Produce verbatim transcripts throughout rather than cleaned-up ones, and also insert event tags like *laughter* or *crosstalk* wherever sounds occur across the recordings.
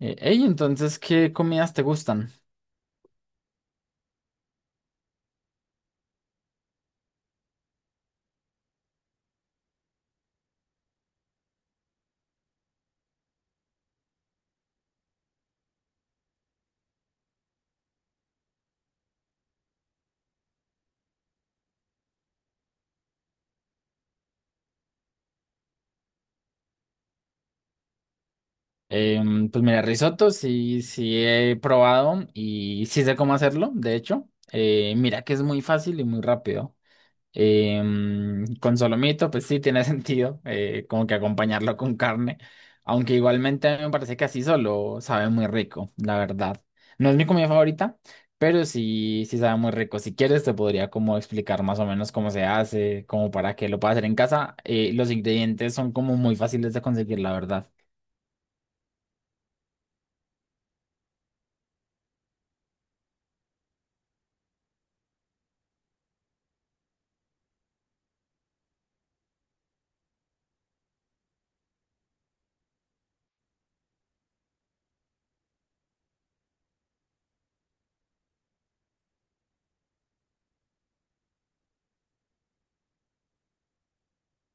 Eh, ey, entonces, ¿qué comidas te gustan? Em, pues mira, risotto sí, sí he probado y sí sé cómo hacerlo, de hecho. Eh, mira que es muy fácil y muy rápido. Em, con solomito, pues sí tiene *laughs* sentido, eh, como que acompañarlo con carne, aunque igualmente a mí me parece que así solo sabe muy rico, la verdad. No es mi comida favorita, pero sí, sí sabe muy rico. Si quieres, te podría como explicar más o menos cómo se hace, como para que lo puedas hacer en casa. Eh, los ingredientes son como muy fáciles de conseguir, la verdad.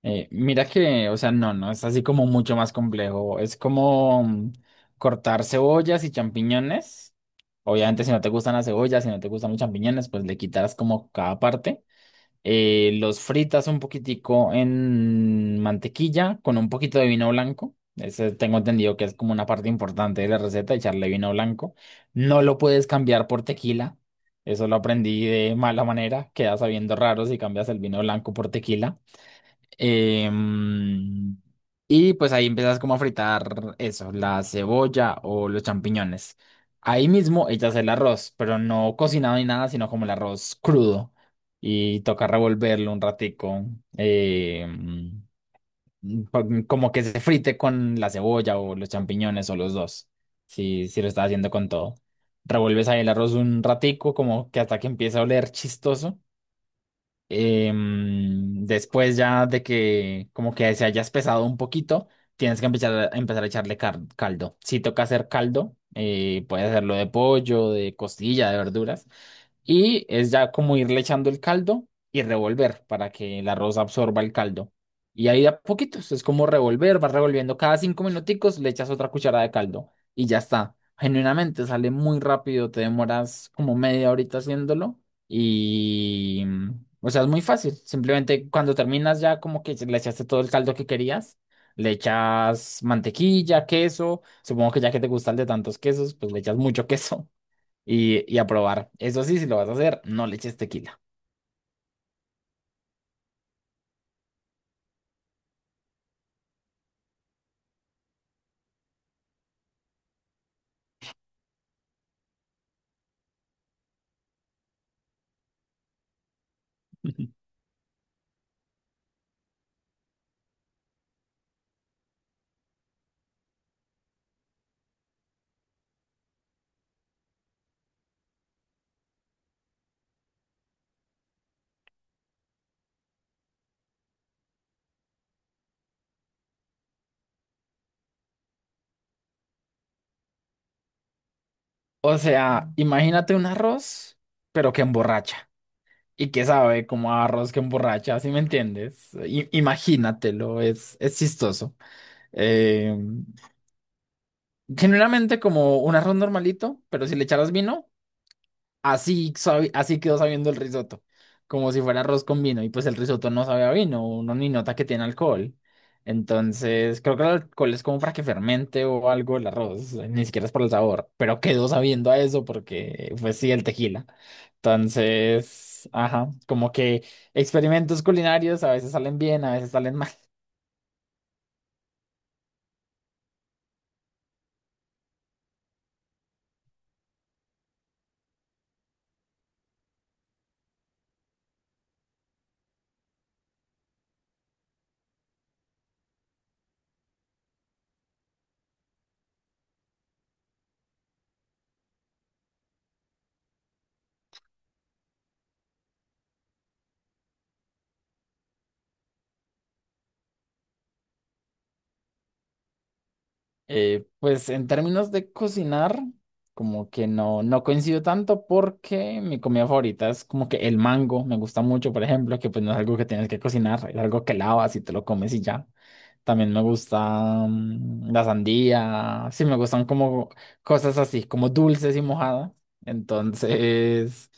Eh, mira que, o sea, no, no, es así como mucho más complejo. Es como mm, cortar cebollas y champiñones. Obviamente, si no te gustan las cebollas, si no te gustan los champiñones, pues le quitarás como cada parte. Eh, los fritas un poquitico en mantequilla con un poquito de vino blanco. Ese tengo entendido que es como una parte importante de la receta, echarle vino blanco. No lo puedes cambiar por tequila. Eso lo aprendí de mala manera. Queda sabiendo raro si cambias el vino blanco por tequila. Em, y pues ahí empiezas como a fritar eso, la cebolla o los champiñones. Ahí mismo echas el arroz, pero no cocinado ni nada, sino como el arroz crudo. Y toca revolverlo un ratico, em, pa- como que se frite con la cebolla o los champiñones o los dos, si, si lo estás haciendo con todo. Revuelves ahí el arroz un ratico, como que hasta que empiece a oler chistoso. Em, después ya de que como que se haya espesado un poquito, tienes que empezar a, empezar a echarle car- caldo. Si toca hacer caldo, eh, puedes hacerlo de pollo, de costilla, de verduras. Y es ya como irle echando el caldo y revolver para que el arroz absorba el caldo. Y ahí de a poquitos, es como revolver, vas revolviendo cada cinco minuticos, le echas otra cucharada de caldo y ya está. Genuinamente sale muy rápido, te demoras como media horita haciéndolo y... mm, O sea, es muy fácil. Simplemente cuando terminas ya como que le echaste todo el caldo que querías, le echas mantequilla, queso, supongo que ya que te gusta el de tantos quesos, pues le echas mucho *laughs* queso y, y a probar. Eso sí, si lo vas a hacer, no le eches tequila. *laughs* O sea, imagínate un arroz, pero que emborracha. Y que sabe como a arroz que emborracha, ¿sí me entiendes? I- imagínatelo, es, es chistoso. Eh, generalmente como un arroz normalito, pero si le echaras vino, así, sabi- así quedó sabiendo el risotto, como si fuera arroz con vino, y pues el risotto no sabe a vino, uno ni nota que tiene alcohol. Entonces, creo que el alcohol es como para que fermente o algo el arroz, ni siquiera es por el sabor, pero quedó sabiendo a eso porque fue sí el tequila. Entonces, ajá, como que experimentos culinarios a veces salen bien, a veces salen mal. Eh, pues en términos de cocinar, como que no, no coincido tanto porque mi comida favorita es como que el mango, me gusta mucho, por ejemplo, que pues no es algo que tienes que cocinar, es algo que lavas y te lo comes y ya. También me gusta mm, la sandía, sí me gustan como cosas así, como dulces y mojadas. Entonces,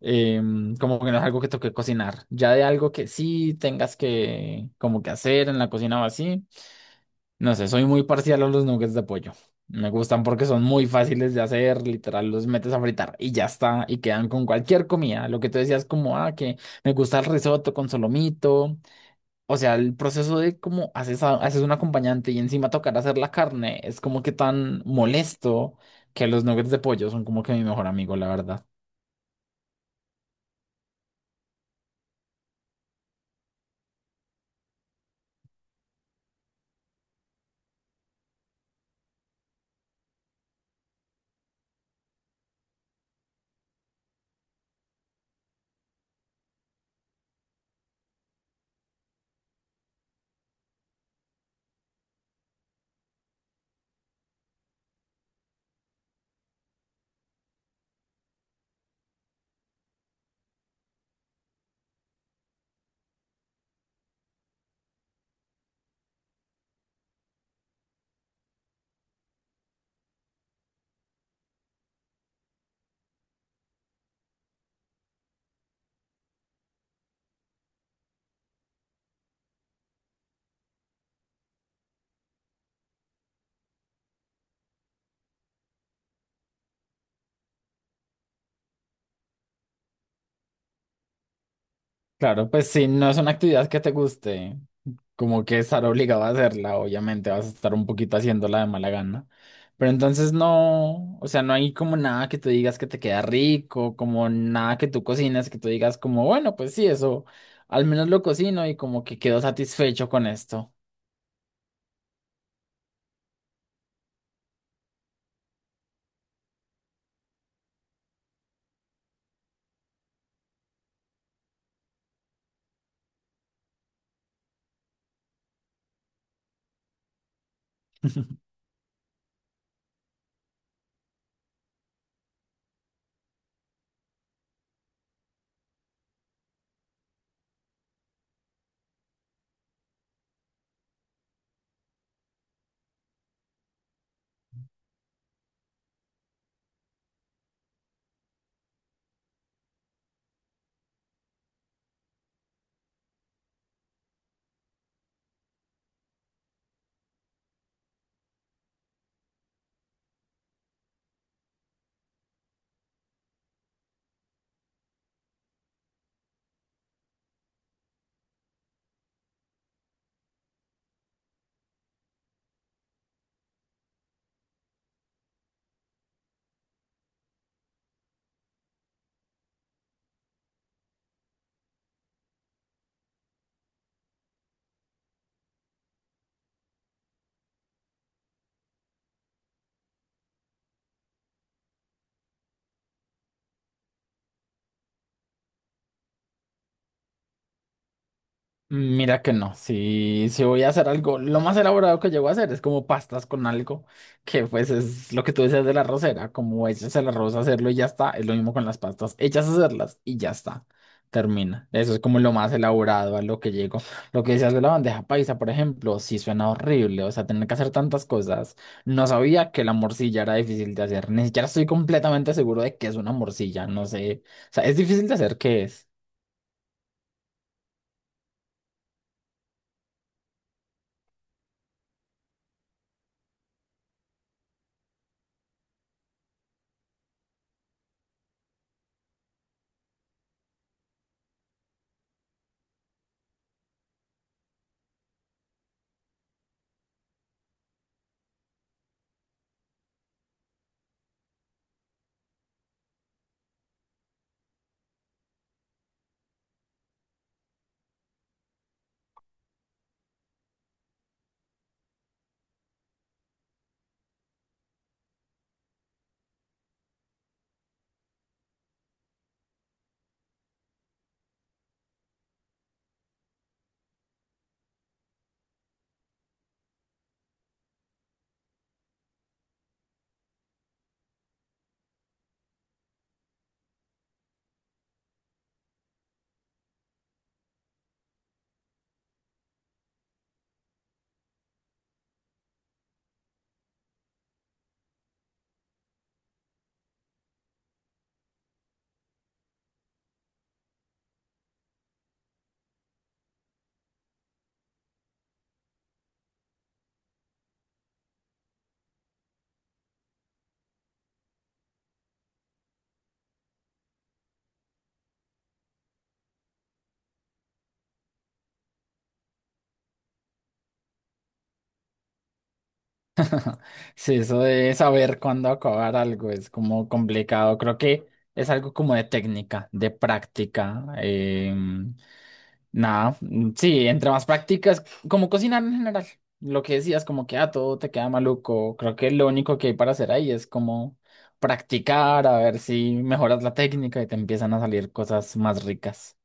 em, como que no es algo que toque cocinar. Ya de algo que sí tengas que como que hacer en la cocina o así. No sé, soy muy parcial a los nuggets de pollo. Me gustan porque son muy fáciles de hacer, literal, los metes a fritar y ya está, y quedan con cualquier comida. Lo que tú decías como, ah, que me gusta el risotto con solomito. O sea, el proceso de cómo haces, a- haces un acompañante y encima tocar hacer la carne es como que tan molesto que los nuggets de pollo son como que mi mejor amigo, la verdad. Claro, pues si no es una actividad que te guste, como que estar obligado a hacerla, obviamente vas a estar un poquito haciéndola de mala gana. Pero entonces no, o sea, no hay como nada que tú digas que te queda rico, como nada que tú cocines que tú digas como, bueno, pues sí, eso, al menos lo cocino y como que quedo satisfecho con esto. Mira que no, si, si voy a hacer algo, lo más elaborado que llego a hacer es como pastas con algo, que pues es lo que tú decías de la arrocera, como echas el arroz a hacerlo y ya está, es lo mismo con las pastas, echas a hacerlas y ya está, termina. Eso es como lo más elaborado a lo que llego. Lo que decías de la bandeja paisa, por ejemplo, sí suena horrible, o sea, tener que hacer tantas cosas. No sabía que la morcilla era difícil de hacer, ni siquiera estoy completamente seguro de que es una morcilla, no sé, o sea, es difícil de hacer, ¿qué es? Sí, eso de saber cuándo acabar algo es como complicado. Creo que es algo como de técnica, de práctica. Em, nada, mm, sí, entre más prácticas, como cocinar en general. Lo que decías, como que ah, todo te queda maluco. Creo que lo único que hay para hacer ahí es como practicar, a ver si mejoras la técnica y te empiezan a salir cosas más ricas.